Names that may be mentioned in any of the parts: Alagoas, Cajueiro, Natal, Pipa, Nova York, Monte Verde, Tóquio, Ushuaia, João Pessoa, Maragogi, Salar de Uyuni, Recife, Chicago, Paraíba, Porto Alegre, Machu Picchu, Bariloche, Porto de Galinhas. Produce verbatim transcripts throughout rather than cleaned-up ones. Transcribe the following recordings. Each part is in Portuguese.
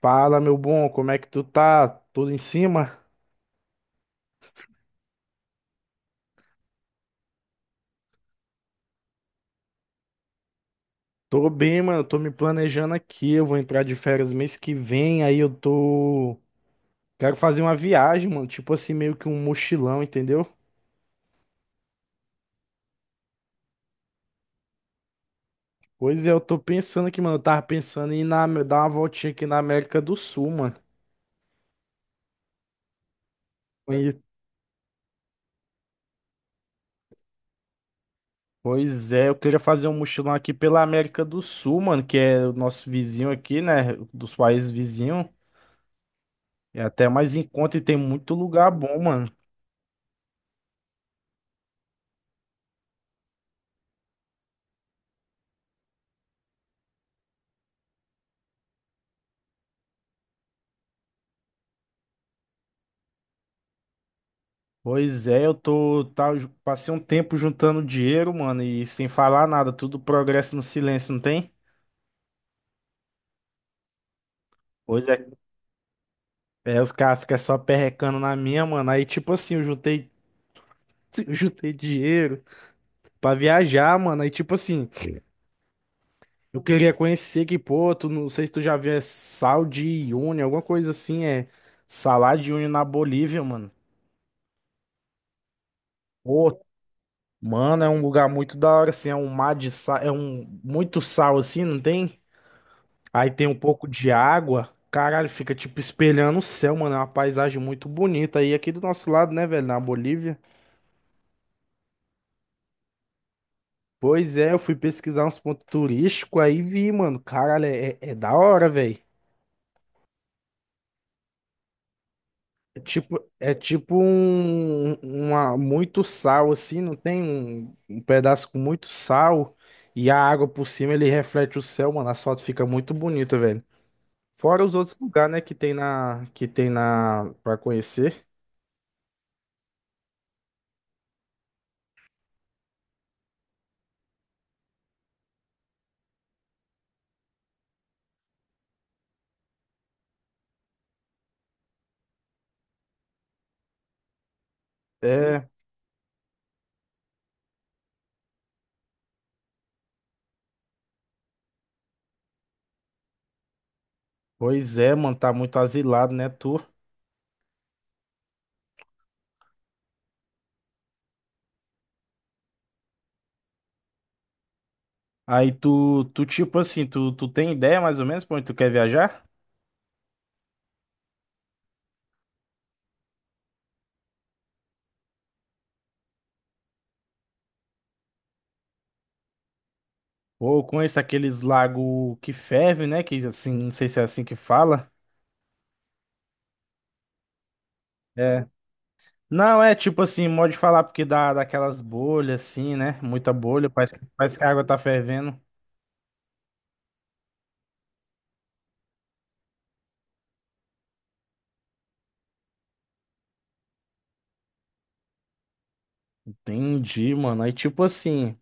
Fala, meu bom, como é que tu tá? Tudo em cima? Tô bem, mano. Tô me planejando aqui. Eu vou entrar de férias mês que vem. Aí eu tô. Quero fazer uma viagem, mano. Tipo assim, meio que um mochilão, entendeu? Pois é, eu tô pensando aqui, mano. Eu tava pensando em ir na, dar uma voltinha aqui na América do Sul, mano. Pois pois é, eu queria fazer um mochilão aqui pela América do Sul, mano, que é o nosso vizinho aqui, né? Dos países vizinhos. É até mais em conta e tem muito lugar bom, mano. Pois é, eu tô, tá, ju- passei um tempo juntando dinheiro, mano, e sem falar nada, tudo progresso no silêncio, não tem? Pois é, é, os caras ficam só perrecando na minha, mano. Aí, tipo assim, eu juntei, eu juntei dinheiro pra viajar, mano. Aí, tipo assim, eu queria conhecer que, pô, tu não sei se tu já viu, é Sal de Uyuni, alguma coisa assim, é Salar de Uyuni na Bolívia, mano. Pô, mano, é um lugar muito da hora, assim, é um mar de sal, é um muito sal, assim, não tem? Aí tem um pouco de água. Caralho, fica tipo espelhando o céu, mano. É uma paisagem muito bonita, aí aqui do nosso lado, né, velho? Na Bolívia. Pois é, eu fui pesquisar uns pontos turísticos aí vi, mano. Caralho, é, é- é da hora, velho. É tipo, é tipo um, uma, muito sal, assim, não tem um, um pedaço com muito sal e a água por cima ele reflete o céu, mano. As fotos ficam muito bonita, velho. Fora os outros lugares, né, que tem na, que tem na, pra conhecer. É. Pois é, mano, tá muito asilado, né, tu? Aí tu, tu tipo assim, tu, tu tem ideia mais ou menos pra onde tu quer viajar? Ou eu conheço aqueles lagos que ferve, né, que assim, não sei se é assim que fala. É. Não, é tipo assim, modo de falar porque dá daquelas bolhas assim, né? Muita bolha, parece que, parece que a água tá fervendo. Entendi, mano. Aí tipo assim,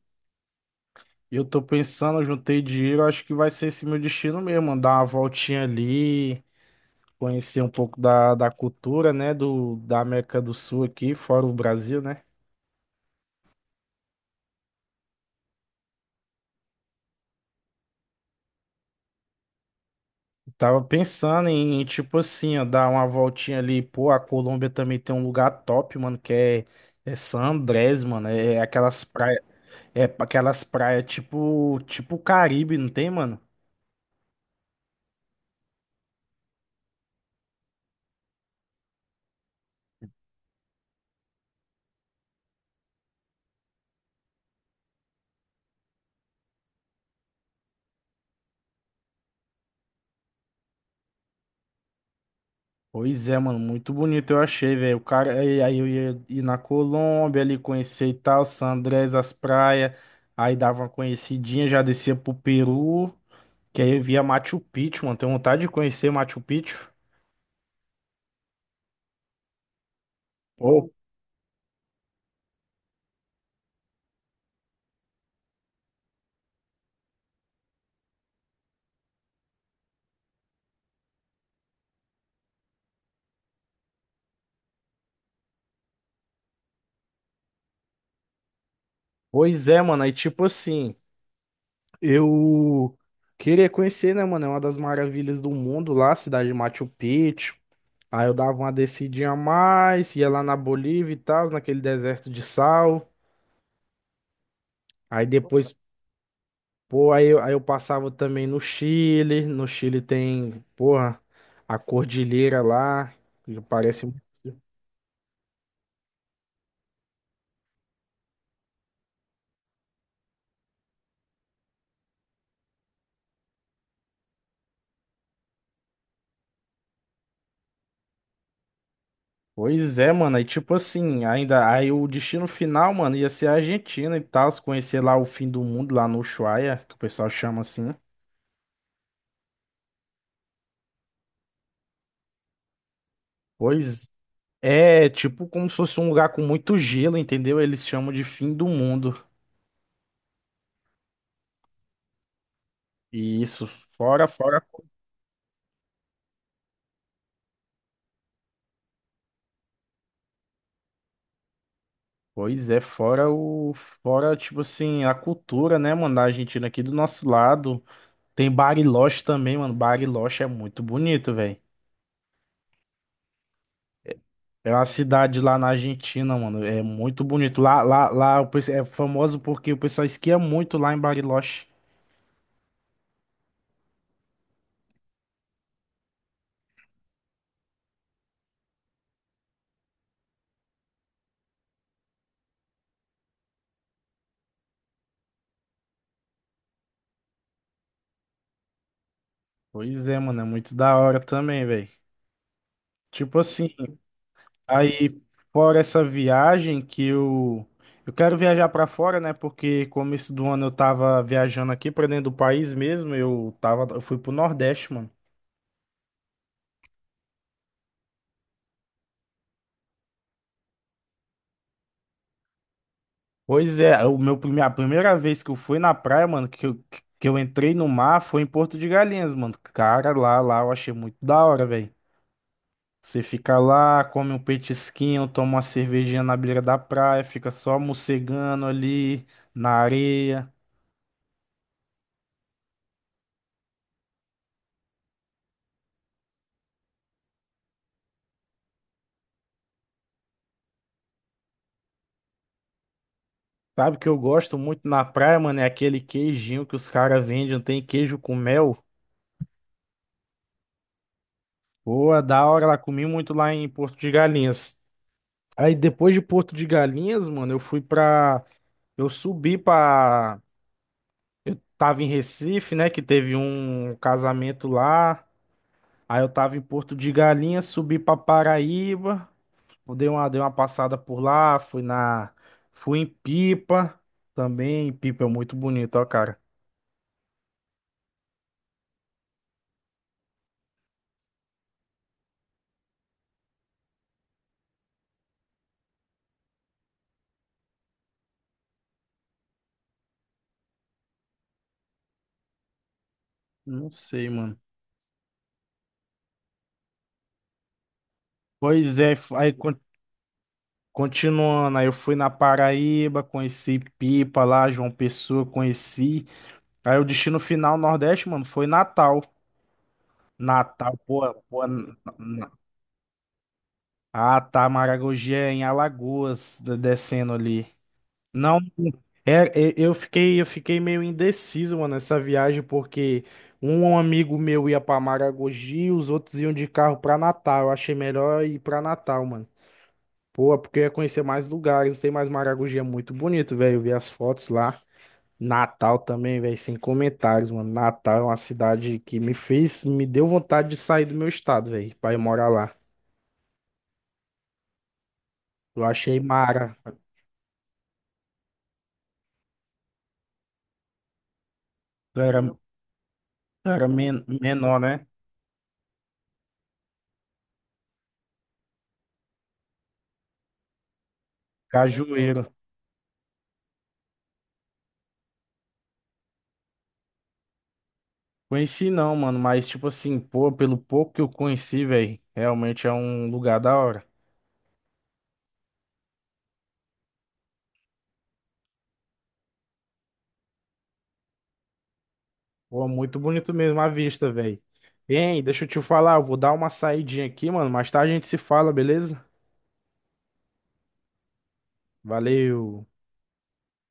eu tô pensando, eu juntei dinheiro, acho que vai ser esse meu destino mesmo, mano, dar uma voltinha ali. Conhecer um pouco da, da cultura, né, do, da América do Sul aqui, fora o Brasil, né? Tava pensando em, tipo assim, ó, dar uma voltinha ali. Pô, a Colômbia também tem um lugar top, mano, que é, é San Andrés, mano. É é aquelas praias, é aquelas praias tipo, tipo Caribe, não tem, mano? Pois é, mano, muito bonito eu achei, velho. O cara, aí aí eu ia ir na Colômbia ali, conhecer e tal, San Andrés, as praias. Aí dava uma conhecidinha, já descia pro Peru. Que aí eu via Machu Picchu, mano. Tenho vontade de conhecer Machu Picchu. Pô, pois é, mano. Aí, tipo assim, eu queria conhecer, né, mano? É uma das maravilhas do mundo lá, a cidade de Machu Picchu. Aí eu dava uma descidinha a mais, ia lá na Bolívia e tal, naquele deserto de sal. Aí depois, pô, aí, eu- aí eu passava também no Chile. No Chile tem, porra, a cordilheira lá, que parece. Pois é, mano. Aí, tipo assim, ainda. Aí o destino final, mano, ia ser a Argentina e tal. Se conhecer lá o fim do mundo, lá no Ushuaia, que o pessoal chama assim. Pois é, tipo como se fosse um lugar com muito gelo, entendeu? Eles chamam de fim do mundo. E isso, fora, fora. Pois é, fora o. Fora, tipo assim, a cultura, né, mano, da Argentina aqui do nosso lado. Tem Bariloche também, mano. Bariloche é muito bonito, velho. É uma cidade lá na Argentina, mano. É muito bonito. Lá, lá, lá o pessoal é famoso porque o pessoal esquia muito lá em Bariloche. Pois é, mano. É muito da hora também, velho. Tipo assim, aí fora essa viagem que eu. Eu quero viajar pra fora, né? Porque começo do ano eu tava viajando aqui pra dentro do país mesmo. Eu tava, eu fui pro Nordeste, mano. Pois é, o meu prime- a primeira vez que eu fui na praia, mano, que eu, que eu entrei no mar foi em Porto de Galinhas, mano. Cara, lá, lá eu achei muito da hora, velho. Você fica lá, come um petisquinho, toma uma cervejinha na beira da praia, fica só mocegando ali na areia. Sabe o que eu gosto muito na praia, mano? É aquele queijinho que os caras vendem, tem queijo com mel. Pô, é da hora lá, comi muito lá em Porto de Galinhas. Aí depois de Porto de Galinhas, mano, eu fui pra. Eu subi pra. Eu tava em Recife, né? Que teve um casamento lá. Aí eu tava em Porto de Galinhas, subi pra Paraíba. Eu dei uma, dei uma passada por lá, fui na, fui em Pipa também. Pipa é muito bonito, ó, cara. Não sei, mano. Pois é, f- aí con- continuando, aí eu fui na Paraíba, conheci Pipa lá, João Pessoa, conheci. Aí o destino final Nordeste, mano, foi Natal. Natal, pô, pô. n- n- Ah, tá, Maragogi é em Alagoas, de- descendo ali. Não, é, é, eu fiquei, eu fiquei meio indeciso, mano, nessa viagem, porque um amigo meu ia pra Maragogi, os outros iam de carro pra Natal. Eu achei melhor ir pra Natal, mano. Pô, é porque eu ia conhecer mais lugares, tem mais Maragogi, é muito bonito, velho. Eu vi as fotos lá. Natal também, velho, sem comentários, mano. Natal é uma cidade que me fez, me deu vontade de sair do meu estado, velho, pra ir morar lá. Eu achei mara. Eu era, eu era men- menor, né? Cajueiro. Conheci não, mano, mas tipo assim, pô, pelo pouco que eu conheci, velho, realmente é um lugar da hora. Pô, muito bonito mesmo a vista, velho. Hein, deixa eu te falar, eu vou dar uma saidinha aqui, mano, mais tarde a gente se fala, beleza? Valeu.